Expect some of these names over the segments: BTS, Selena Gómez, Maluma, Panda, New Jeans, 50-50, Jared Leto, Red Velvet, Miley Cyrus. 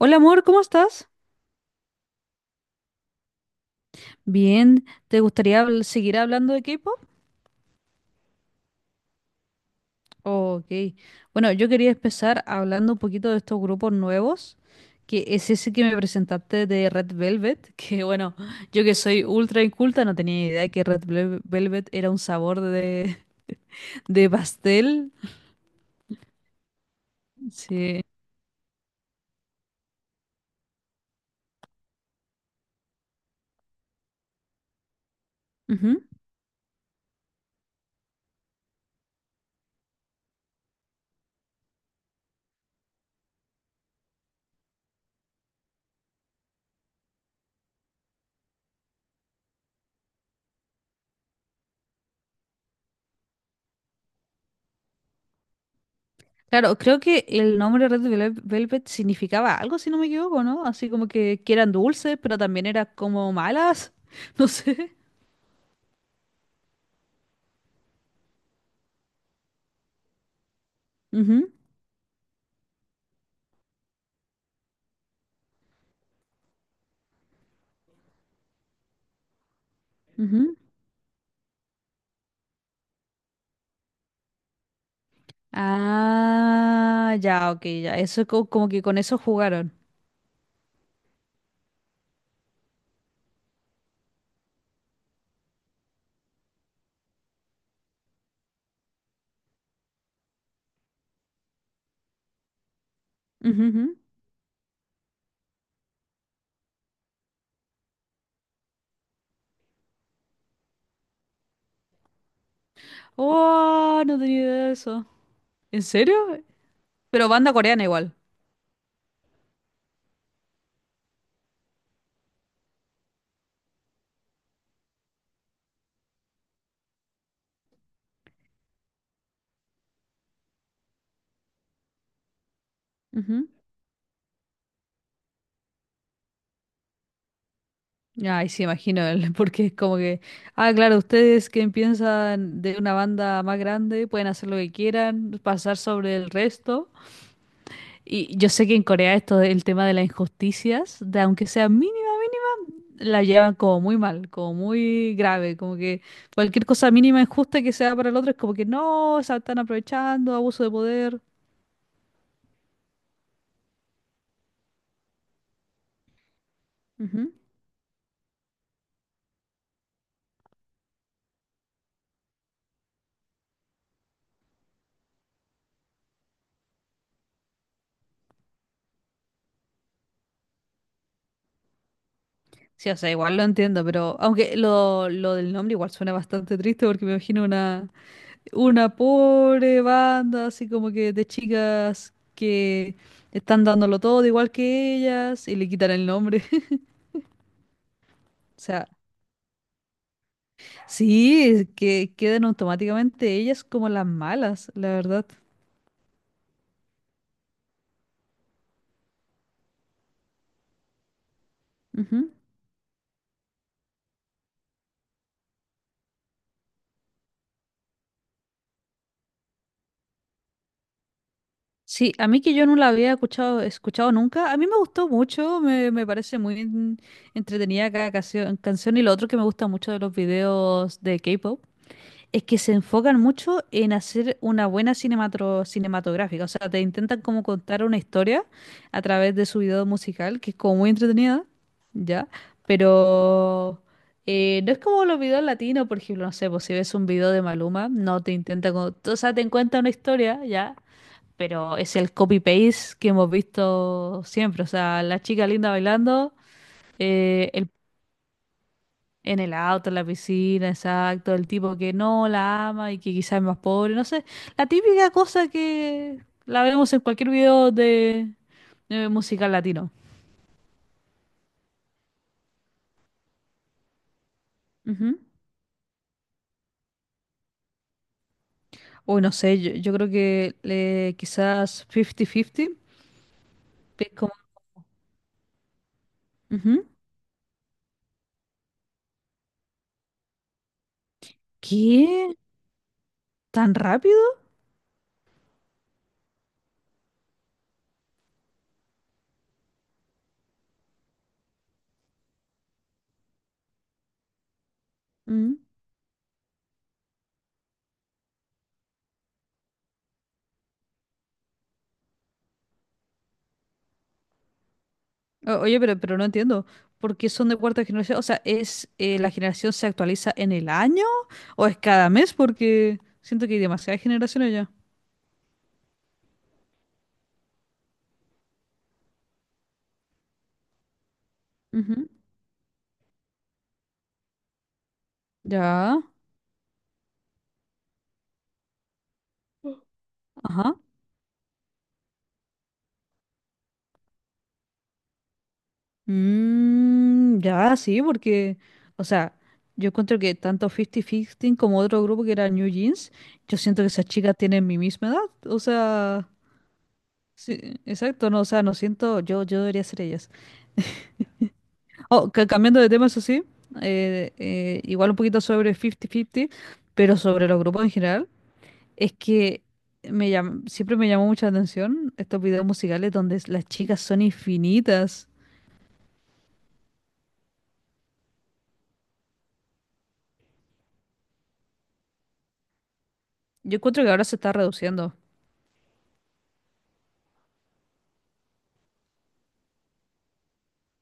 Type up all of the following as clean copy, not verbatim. Hola amor, ¿cómo estás? Bien, ¿te gustaría seguir hablando de K-pop? Oh, ok. Bueno, yo quería empezar hablando un poquito de estos grupos nuevos, que es ese que me presentaste de Red Velvet, que bueno, yo que soy ultra inculta no tenía idea que Red Velvet era un sabor de, de pastel. Sí. Ujú. Claro, creo que el nombre Red Velvet significaba algo, si no me equivoco, ¿no? Así como que, eran dulces, pero también eran como malas, no sé. Ujú. Ujú. Ah, ya, ok, ya. Eso como que con eso jugaron. Ujú, ujú. Oh, no tenía idea de eso. ¿En serio? Pero banda coreana igual. Ujú. Ay, sí, imagino, el- porque es como que... Ah, claro, ustedes que piensan de una banda más grande pueden hacer lo que quieran, pasar sobre el resto. Y yo sé que en Corea esto del tema de las injusticias, de aunque sea mínima, la llevan como muy mal, como muy grave, como que cualquier cosa mínima injusta que sea para el otro es como que no, se están aprovechando, abuso de poder. Ujú. Sí, o sea, igual lo entiendo, pero aunque lo del nombre igual suena bastante triste porque me imagino una pobre banda así como que de chicas que están dándolo todo igual que ellas y le quitan el nombre. O sea, sí, que quedan automáticamente ellas como las malas, la verdad. Ujú. Sí, a mí que yo no la había escuchado nunca, a mí me gustó mucho, me parece muy entretenida cada canción. Y lo otro que me gusta mucho de los videos de K-pop es que se enfocan mucho en hacer una buena cinematográfica, o sea, te intentan como contar una historia a través de su video musical, que es como muy entretenida, ¿ya? Pero no es como los videos latinos, por ejemplo, no sé, pues si ves un video de Maluma, no te intenta, como, o sea, te cuenta una historia, ¿ya? Pero es el copy-paste que hemos visto siempre. O sea, la chica linda bailando, eh, el, en el auto, en la piscina, exacto, el tipo que no la ama y que quizás es más pobre, no sé. La típica cosa que la vemos en cualquier video de musical latino. Ujú. Uy, no sé, yo creo que le, quizás 50-50, que es como, ujú. ¿Qué? ¿Tan rápido? Mm. Oye, pero no entiendo. ¿Por qué son de cuarta generación? O sea, ¿es la generación se actualiza en el año? ¿O es cada mes? Porque siento que hay demasiadas generaciones ya. Ujú. Ya, ajá. Mm, ya, sí, o sea, yo encuentro que tanto 50-15 como otro grupo que era New Jeans, yo siento que esas chicas tienen mi misma edad. O sea, sí, exacto, no, o sea, no siento, yo debería ser ellas. Oh, cambiando de tema, eso sí, igual un poquito sobre 50-50, pero sobre los grupos en general, es que siempre me llamó mucha atención estos videos musicales donde las chicas son infinitas. Yo encuentro que ahora se está reduciendo.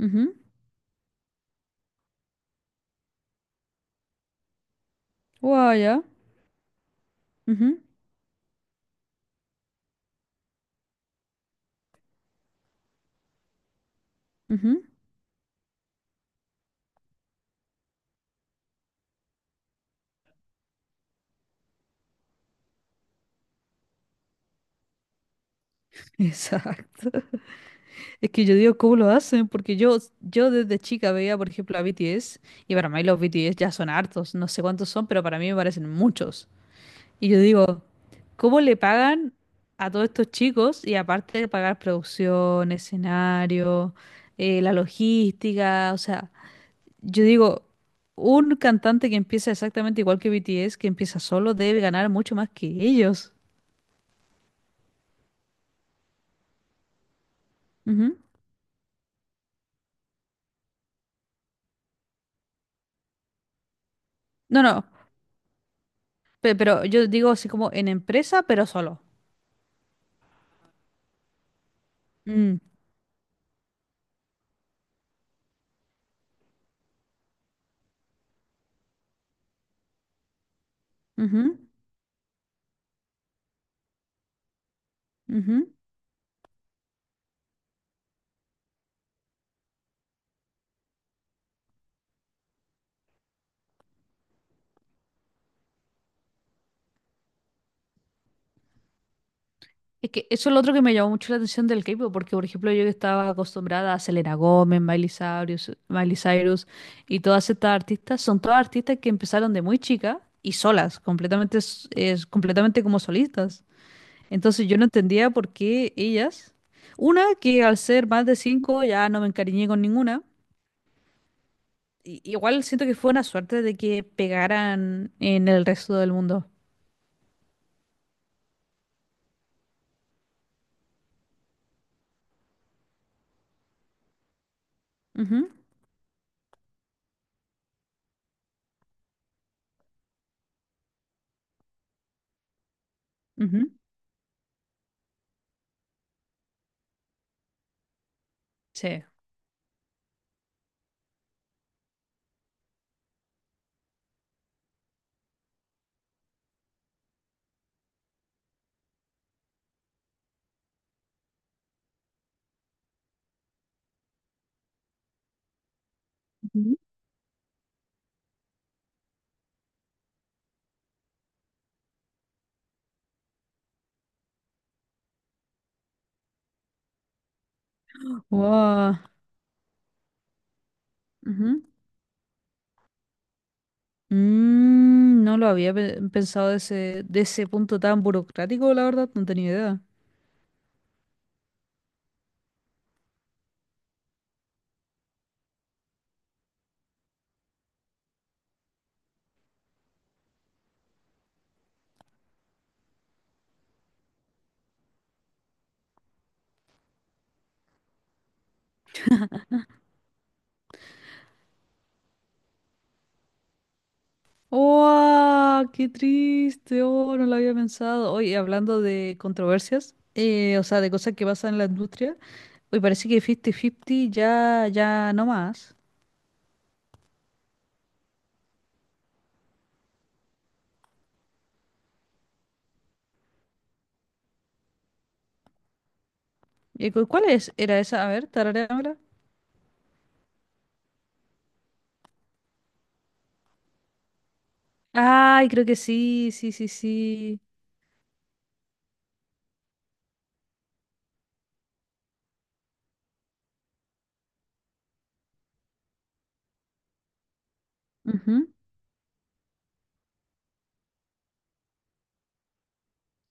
Ujú. Guau, ya. Ujú, ujú. Exacto. Es que yo digo, ¿cómo lo hacen? Porque yo desde chica veía, por ejemplo, a BTS, y para mí los BTS ya son hartos, no sé cuántos son, pero para mí me parecen muchos. Y yo digo, ¿cómo le pagan a todos estos chicos? Y aparte de pagar producción, escenario, la logística, o sea, yo digo, un cantante que empieza exactamente igual que BTS, que empieza solo, debe ganar mucho más que ellos. Ujú. No, no, pe- Pero yo digo así como en empresa, pero solo. Mm, ujú, ujú. Es que eso es lo otro que me llamó mucho la atención del K-pop, porque por ejemplo yo que estaba acostumbrada a Selena Gómez, Miley Cyrus y todas estas artistas, son todas artistas que empezaron de muy chica y solas, completamente, completamente como solistas. Entonces yo no entendía por qué ellas, una que al ser más de cinco ya no me encariñé con ninguna, igual siento que fue una suerte de que pegaran en el resto del mundo. Ujú, ujú. Sí. Ujú. Wow. Mm, no lo había pensado de ese punto tan burocrático, la verdad, no tenía idea. ¡Oh! ¡Qué triste! ¡Oh! No lo había pensado. Oye, hablando de controversias, o sea, de cosas que pasan en la industria, hoy parece que 50-50 ya, ya no más. ¿Cuál es? ¿Era esa? A ver, tararéamela. Ay, creo que sí, sí, sí, sí.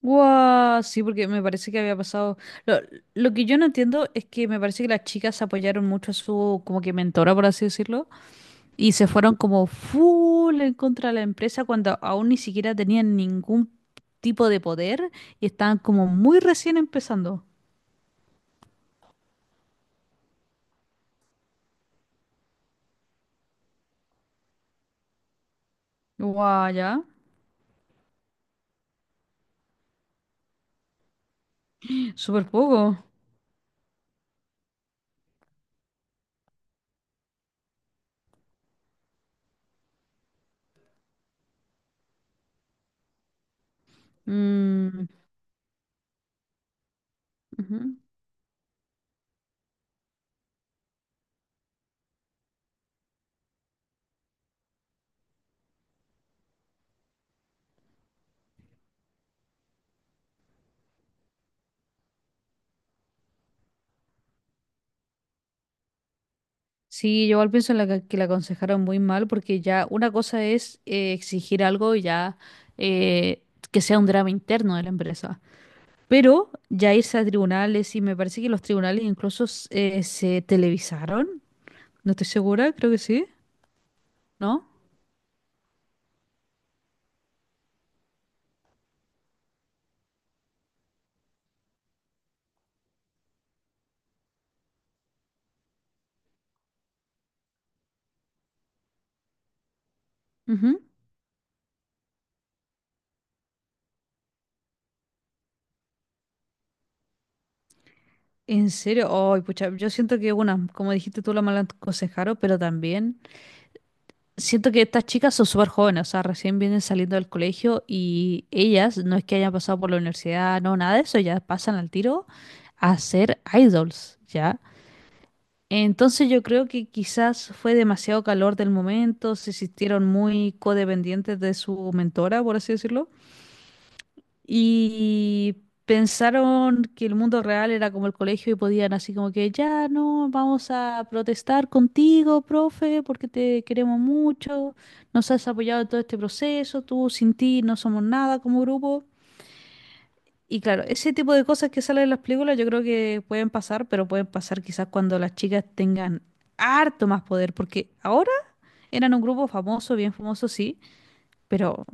Guau, sí, porque me parece que había pasado. Lo, lo que yo no entiendo es que me parece que las chicas apoyaron mucho a su como que mentora, por así decirlo, y se fueron como full en contra de la empresa cuando aún ni siquiera tenían ningún tipo de poder y estaban como muy recién empezando. Guau, ya. Súper poco. Mm, ujú. Sí, yo igual pienso en que la aconsejaron muy mal porque ya una cosa es exigir algo y ya eh, que sea un drama interno de la empresa. Pero ya irse a tribunales y me parece que los tribunales incluso se televisaron. No estoy segura, creo que sí, ¿no? Ujú. En serio, ay, pucha, yo siento que, bueno, como dijiste tú, la mala aconsejaron, pero también siento que estas chicas son súper jóvenes, o sea, recién vienen saliendo del colegio y ellas no es que hayan pasado por la universidad, no, nada de eso, ya pasan al tiro a ser idols, ¿ya? Entonces yo creo que quizás fue demasiado calor del momento, se sintieron muy codependientes de su mentora, por así decirlo, y pensaron que el mundo real era como el colegio y podían así como que, ya no, vamos a protestar contigo, profe, porque te queremos mucho, nos has apoyado en todo este proceso, tú sin ti no somos nada como grupo. Y claro, ese tipo de cosas que salen en las películas yo creo que pueden pasar, pero pueden pasar quizás cuando las chicas tengan harto más poder, porque ahora eran un grupo famoso, bien famoso, sí, pero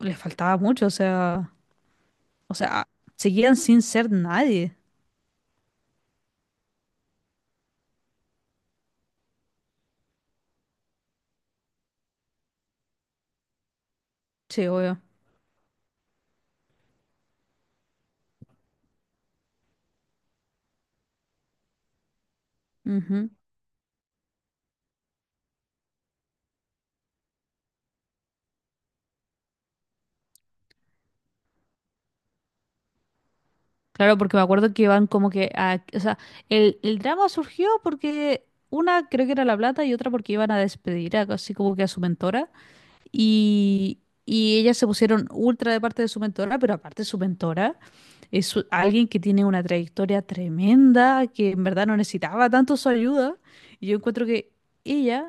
les faltaba mucho, o sea, seguían sin ser nadie. Sí, obvio. Ujú. Claro, porque me acuerdo que van como que a, o sea, el drama surgió porque una creo que era La Plata y otra porque iban a despedir a, así como que a su mentora. Y ellas se pusieron ultra de parte de su mentora, pero aparte su mentora es alguien que tiene una trayectoria tremenda, que en verdad no necesitaba tanto su ayuda. Y yo encuentro que ella,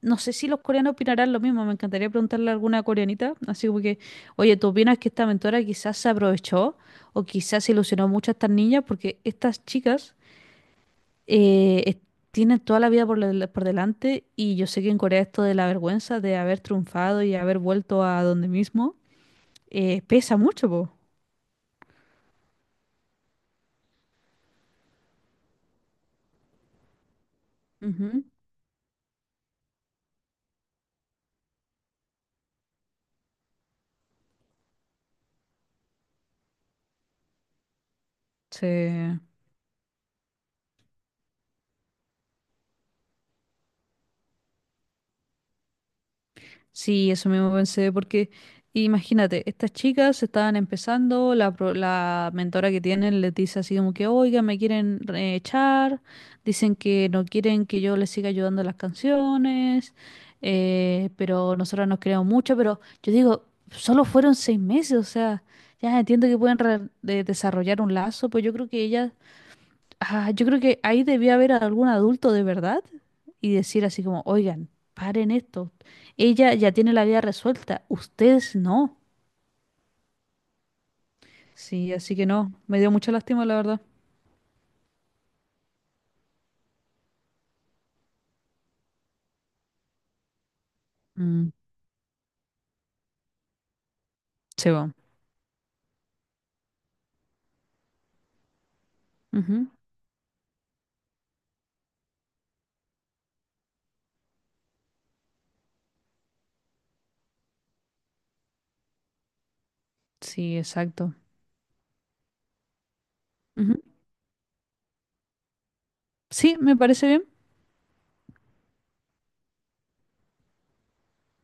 no sé si los coreanos opinarán lo mismo, me encantaría preguntarle a alguna coreanita, así como que, oye, ¿tú opinas que esta mentora quizás se aprovechó o quizás se ilusionó mucho a estas niñas? Porque estas chicas eh, es- tienen toda la vida por, por delante y yo sé que en Corea esto de la vergüenza de haber triunfado y haber vuelto a donde mismo pesa mucho, po. Ujú. Sí. Sí, eso mismo pensé, porque imagínate, estas chicas estaban empezando, la mentora que tienen les dice así como que, oiga, me quieren echar, dicen que no quieren que yo les siga ayudando a las canciones, pero nosotros nos creamos mucho, pero yo digo, solo fueron 6 meses, o sea, ya entiendo que pueden desarrollar un lazo, pues yo creo que ellas. Ah, yo creo que ahí debía haber algún adulto de verdad y decir así como, oigan, paren esto. Ella ya tiene la vida resuelta, ustedes no. Sí, así que no, me dio mucha lástima, la verdad. Mm, se va. Ujú. Sí, exacto. Ujú. Sí, me parece bien.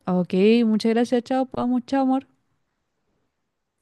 Ok, muchas gracias, chao, vamos, chao, amor.